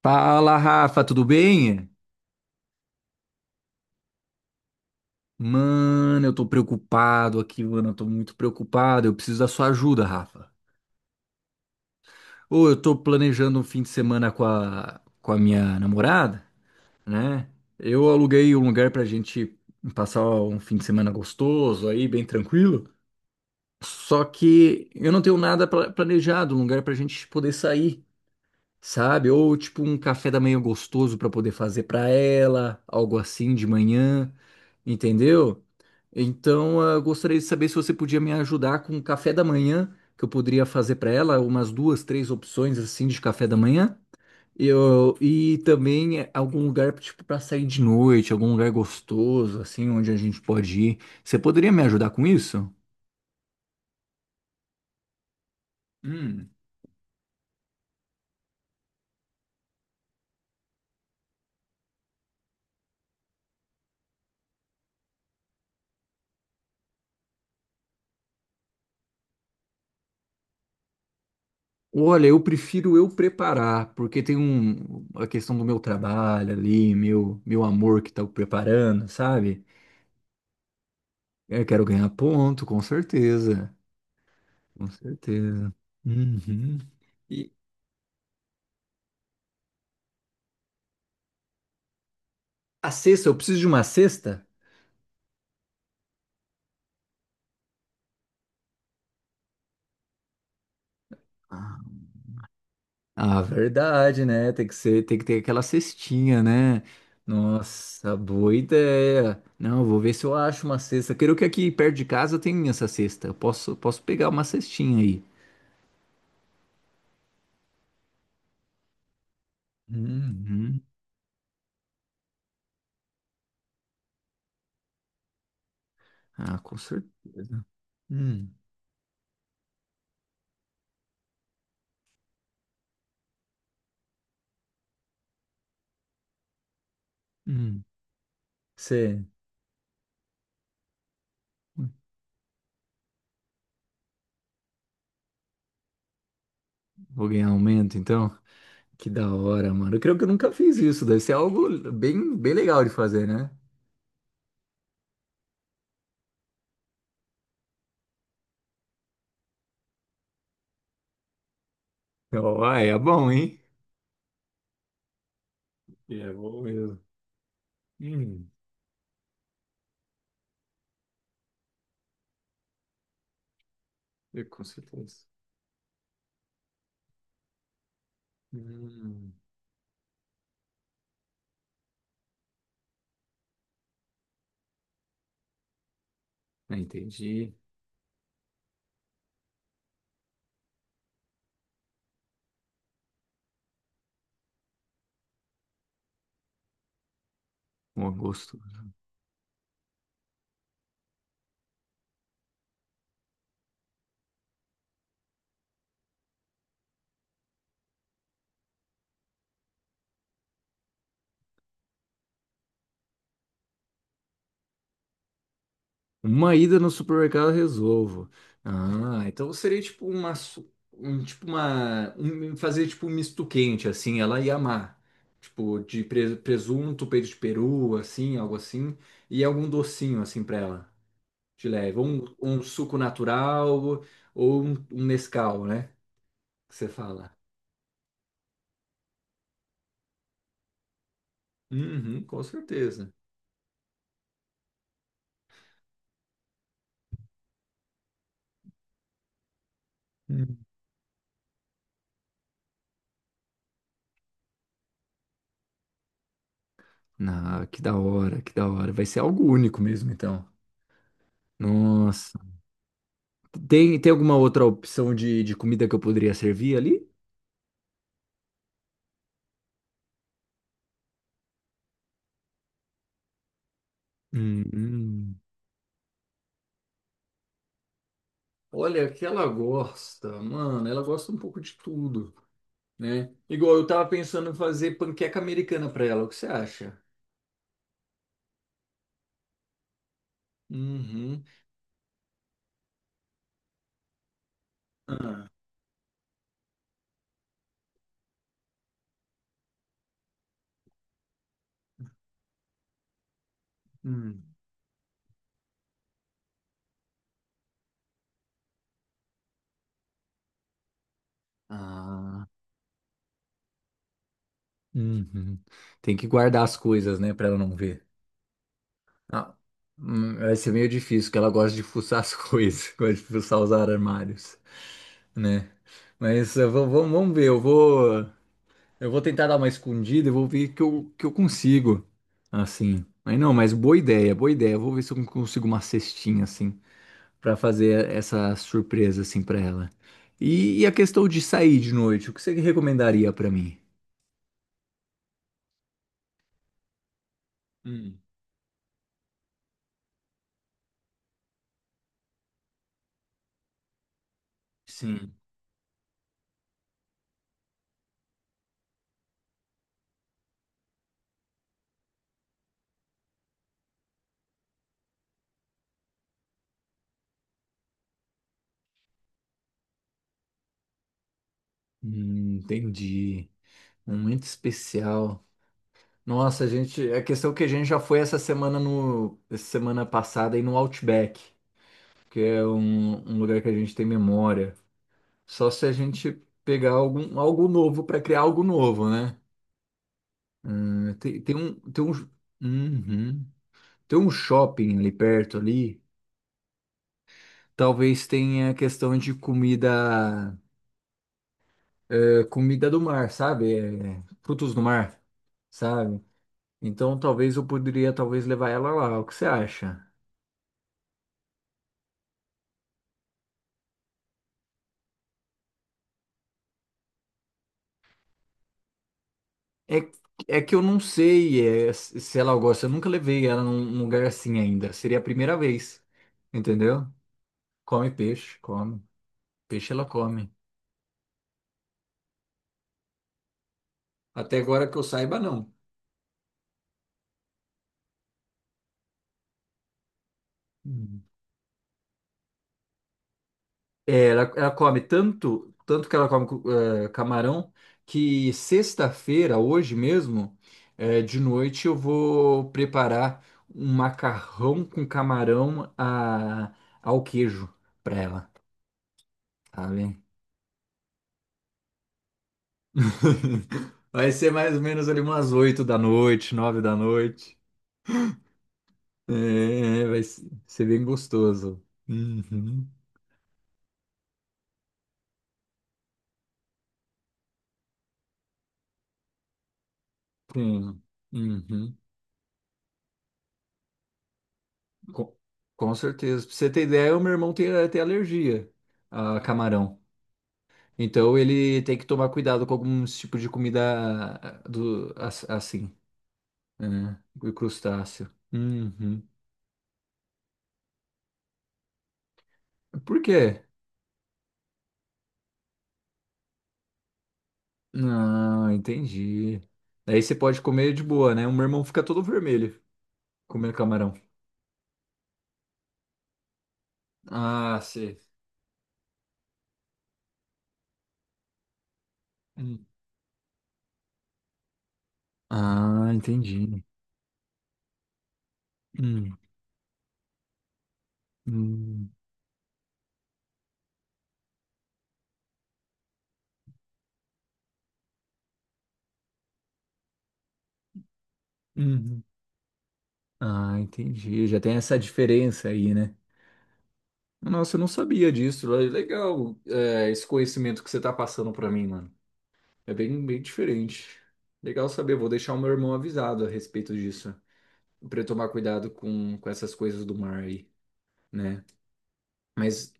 Fala, Rafa, tudo bem? Mano, eu tô preocupado aqui, mano, eu tô muito preocupado. Eu preciso da sua ajuda, Rafa. Ô, eu tô planejando um fim de semana com a minha namorada, né? Eu aluguei um lugar pra gente passar um fim de semana gostoso aí, bem tranquilo. Só que eu não tenho nada planejado, um lugar pra gente poder sair. Sabe? Ou tipo um café da manhã gostoso para poder fazer para ela, algo assim de manhã, entendeu? Então, eu gostaria de saber se você podia me ajudar com o café da manhã que eu poderia fazer para ela, umas duas, três opções assim de café da manhã. E também é, algum lugar tipo para sair de noite, algum lugar gostoso assim onde a gente pode ir. Você poderia me ajudar com isso? Hum. Olha, eu prefiro eu preparar, porque tem um, a questão do meu trabalho ali, meu amor que tá preparando, sabe? Eu quero ganhar ponto, com certeza. Com certeza. Uhum. E a cesta, eu preciso de uma cesta? Ah, ah, verdade, né? Tem que ser, tem que ter aquela cestinha, né? Nossa, boa ideia. Não, eu vou ver se eu acho uma cesta. Quero que aqui perto de casa tenha essa cesta. Eu posso, posso pegar uma cestinha aí. Uhum. Ah, com certeza. Hum, hum. Você vou ganhar aumento, então? Que da hora, mano. Eu creio que eu nunca fiz isso. Deve ser algo bem, bem legal de fazer, né? Ó, ah, é bom, hein? É bom mesmo. Hum, é, com certeza. Hum, ah, entendi. Um gosto. Uma ida no supermercado eu resolvo. Ah, então seria tipo uma, um, tipo uma, fazer tipo um misto quente assim, ela ia amar. Tipo de presunto, peito de peru, assim, algo assim, e algum docinho assim pra ela, de leve, ou um suco natural ou um Nescau, né? Que você fala. Uhum, com certeza. Hum. Ah, que da hora, que da hora. Vai ser algo único mesmo, então. Nossa. Tem, tem alguma outra opção de comida que eu poderia servir ali? Hum, hum. Olha, que ela gosta, mano, ela gosta um pouco de tudo, né? Igual eu tava pensando em fazer panqueca americana pra ela, o que você acha? Uhum. Hum. Ah, uhum. Tem que guardar as coisas, né, pra ela não ver. Ah, vai ser meio difícil, porque ela gosta de fuçar as coisas, gosta de fuçar os armários, né? Mas vamos ver, eu vou. Eu vou tentar dar uma escondida e vou ver que que eu consigo. Assim. Mas não, mas boa ideia, boa ideia. Eu vou ver se eu consigo uma cestinha, assim, pra fazer essa surpresa, assim, pra ela. E a questão de sair de noite, o que você recomendaria pra mim? Hum, sim. Entendi. Momento especial. Nossa, a gente, a questão que a gente já foi essa semana no, essa semana passada aí no Outback, que é um, um lugar que a gente tem memória. Só se a gente pegar algum, algo novo para criar algo novo, né? Tem um, uhum. Tem um shopping ali perto ali. Talvez tenha a questão de comida, é, comida do mar, sabe? É, frutos do mar, sabe? Então talvez eu poderia talvez levar ela lá. O que você acha? É, é que eu não sei, é, se ela gosta. Eu nunca levei ela num num lugar assim ainda. Seria a primeira vez, entendeu? Come. Peixe ela come. Até agora que eu saiba, não. Hum. É, ela come tanto, tanto que ela come camarão, que sexta-feira, hoje mesmo, de noite, eu vou preparar um macarrão com camarão ao queijo para ela, sabe? Vai ser mais ou menos ali umas 8 da noite, 9 da noite. É, vai ser ser bem gostoso. Uhum. Sim. Uhum. Com, com certeza. Pra você ter ideia, o meu irmão tem até alergia a camarão. Então ele tem que tomar cuidado com alguns tipos de comida assim, né? O crustáceo. Uhum. Por quê? Não, entendi. Daí você pode comer de boa, né? O meu irmão fica todo vermelho comendo camarão. Ah, sei. Hum. Ah, entendi. Hum, hum, uhum. Ah, entendi. Já tem essa diferença aí, né? Nossa, eu não sabia disso. Legal, é, esse conhecimento que você tá passando pra mim, mano. É bem, bem diferente. Legal saber, vou deixar o meu irmão avisado a respeito disso, pra ele tomar cuidado com essas coisas do mar aí, né? Mas,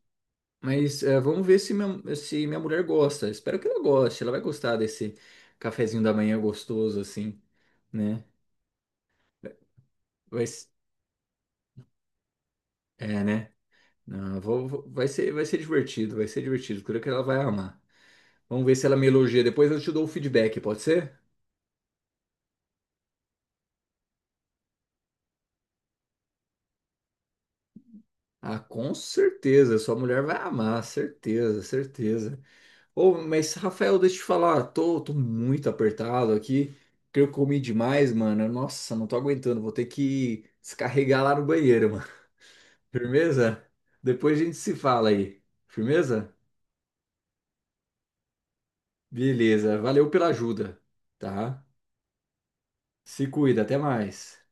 mas é, vamos ver se minha, se minha mulher gosta. Espero que ela goste, ela vai gostar desse cafezinho da manhã gostoso assim, né? Vai, s- né? Não, vai ser divertido, vai ser divertido. Creio que ela vai amar. Vamos ver se ela me elogia. Depois eu te dou o feedback, pode ser? Ah, com certeza. Sua mulher vai amar, certeza, certeza. Ô, mas Rafael, deixa eu te falar, tô muito apertado aqui. Creio que eu comi demais, mano. Nossa, não tô aguentando. Vou ter que descarregar lá no banheiro, mano. Firmeza? Depois a gente se fala aí. Firmeza? Beleza. Valeu pela ajuda, tá? Se cuida, até mais.